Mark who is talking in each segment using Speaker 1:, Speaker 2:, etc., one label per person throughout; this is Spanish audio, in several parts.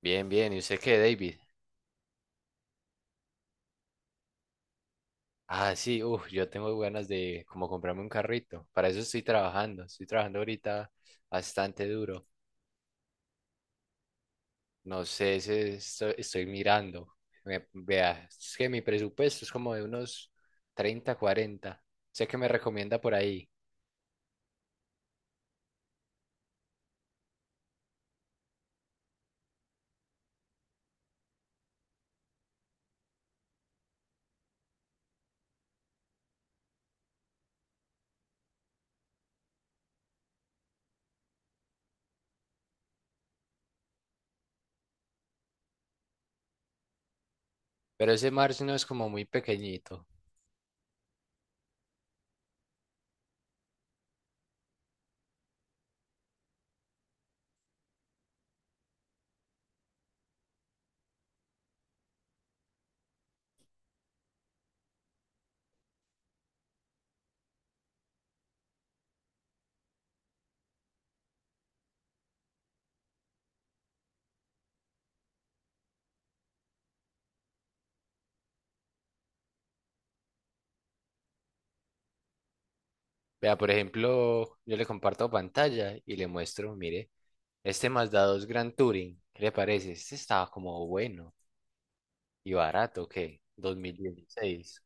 Speaker 1: Bien, bien. ¿Y usted qué, David? Ah, sí, uff, yo tengo ganas de como comprarme un carrito. Para eso estoy trabajando. Estoy trabajando ahorita bastante duro. No sé si estoy mirando. Vea, es que mi presupuesto es como de unos 30 40. Sé que me recomienda por ahí. Pero ese Mars no es como muy pequeñito. Vea, por ejemplo, yo le comparto pantalla y le muestro, mire, este Mazda 2 Grand Touring. ¿Qué le parece? Este estaba como bueno. Y barato, ¿qué? 2016.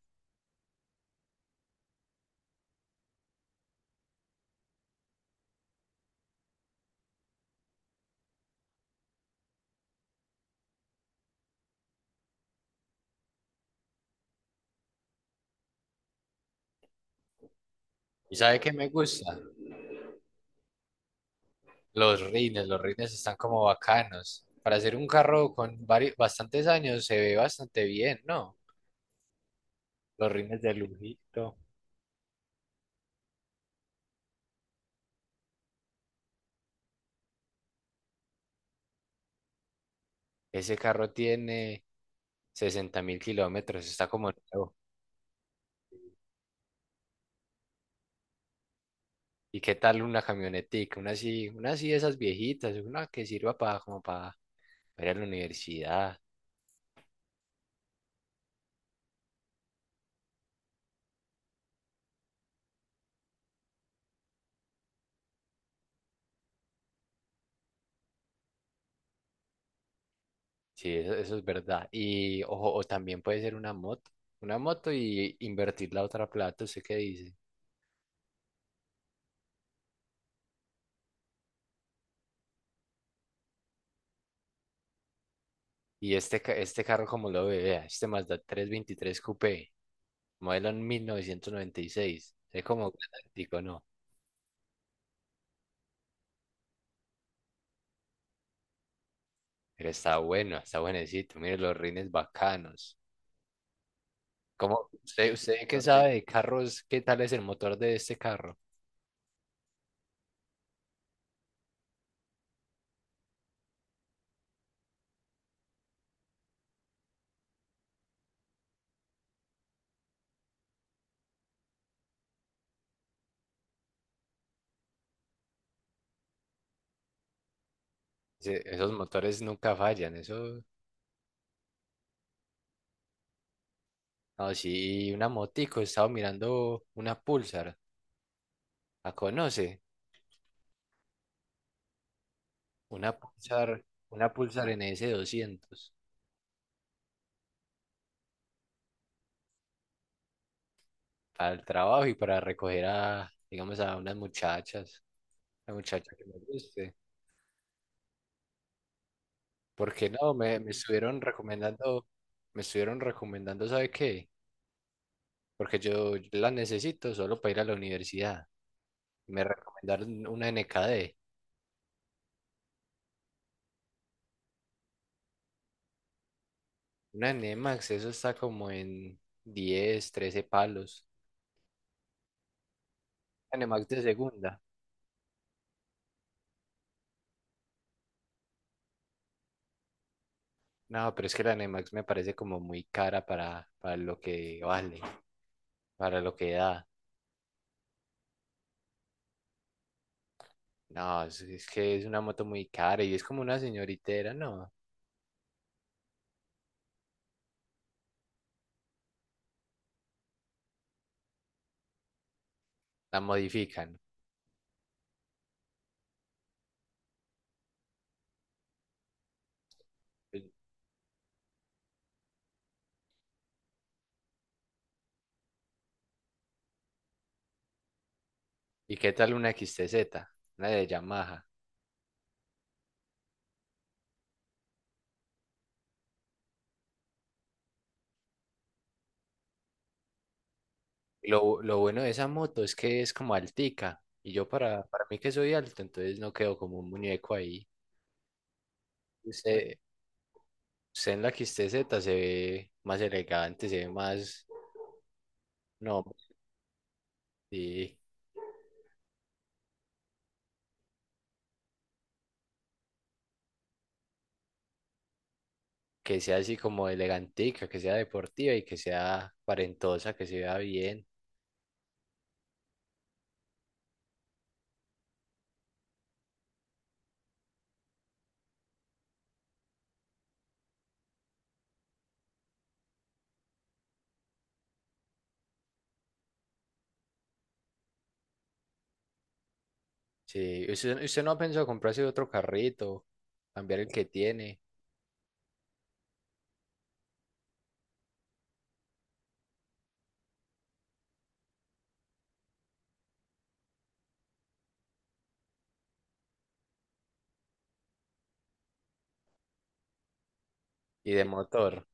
Speaker 1: ¿Y sabe qué me gusta? Los rines están como bacanos. Para hacer un carro con varios, bastantes años se ve bastante bien, ¿no? Los rines de lujito. Ese carro tiene 60.000 kilómetros, está como nuevo. ¿Y qué tal una camionetica? Una así de esas viejitas, una que sirva para como para ir a la universidad. Sí, eso es verdad. Y ojo, o también puede ser una moto. Una moto y invertir la otra plata, ¿usted qué dice? Y este carro, como lo ve, vea, este Mazda 323 Coupé, modelo en 1996. Es como galáctico, ¿no? Pero está bueno, está buenecito. Mire los rines bacanos. ¿Cómo, usted qué sabe de carros, qué tal es el motor de este carro? Esos motores nunca fallan. Eso, no, sí, una motico. He estado mirando una Pulsar. ¿La conoce? Una Pulsar, una Pulsar N S 200. Para el trabajo y para recoger a, digamos, a unas muchachas. La muchacha que me guste. Porque no, me estuvieron recomendando, ¿sabe qué? Porque yo la necesito solo para ir a la universidad. Me recomendaron una N K D. Una NMAX, eso está como en 10 13 palos. Una NMAX de segunda. No, pero es que la NMAX me parece como muy cara para lo que vale, para lo que da. No, es que es una moto muy cara y es como una señoritera, no, la modifican. ¿Y qué tal una X T Z? Una de Yamaha. Lo bueno de esa moto es que es como altica. Y yo para mí que soy alto, entonces no quedo como un muñeco ahí. Usted, usted en la X T Z se ve más elegante, se ve más... No, y que sea así como elegantica, que sea deportiva y que sea aparentosa, que se vea bien. Sí, ¿usted no ha pensado comprarse otro carrito, cambiar el que tiene y de motor?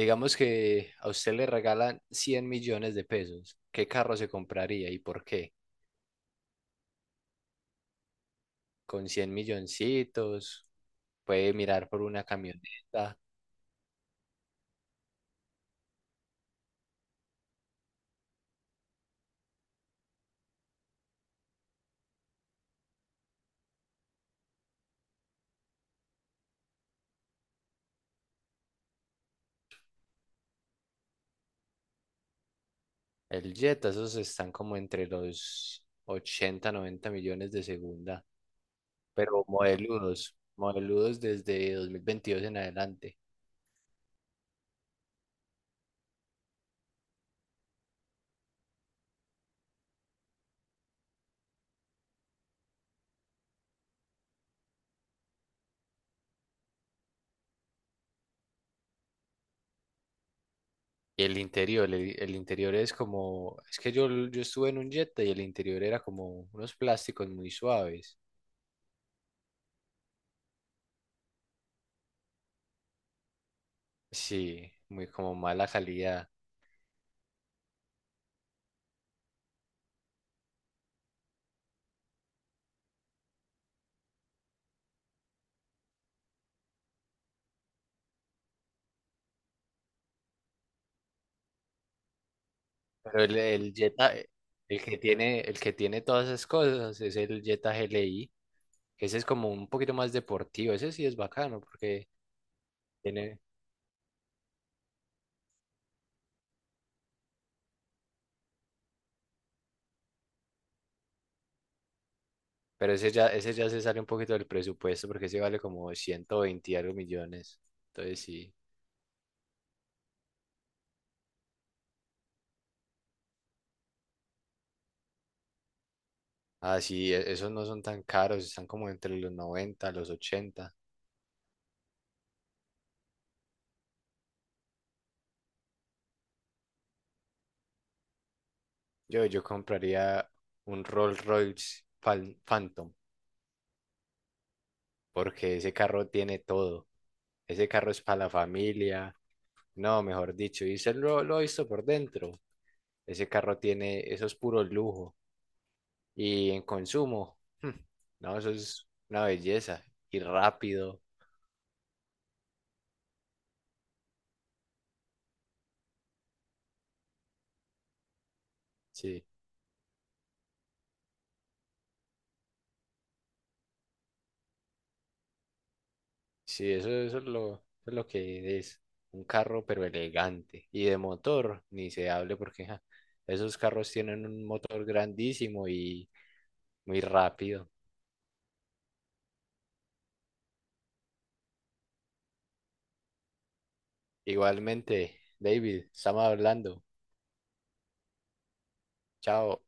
Speaker 1: Digamos que a usted le regalan 100 millones de pesos. ¿Qué carro se compraría y por qué? Con 100 milloncitos, puede mirar por una camioneta. El Jetta, esos están como entre los 80 90 millones de segunda, pero modeludos, modeludos desde 2022 en adelante. Y el interior, el interior es como, es que yo estuve en un Jetta y el interior era como unos plásticos muy suaves. Sí, muy como mala calidad. Pero el Jetta, el que tiene todas esas cosas es el Jetta GLI, que ese es como un poquito más deportivo, ese sí es bacano porque tiene, pero ese ya se sale un poquito del presupuesto porque ese vale como 120 y algo millones. Entonces sí, ah sí, esos no son tan caros, están como entre los 90 los ochenta. Yo compraría un Rolls Royce Phantom porque ese carro tiene todo. Ese carro es para la familia. No, mejor dicho, y lo he visto por dentro. Ese carro tiene, eso es puro lujo. Y en consumo, no, eso es una belleza. Y rápido. Sí, sí, eso, eso es lo que es. Un carro, pero elegante. Y de motor, ni se hable porque ja, esos carros tienen un motor grandísimo y muy rápido. Igualmente, David, estamos hablando. Chao.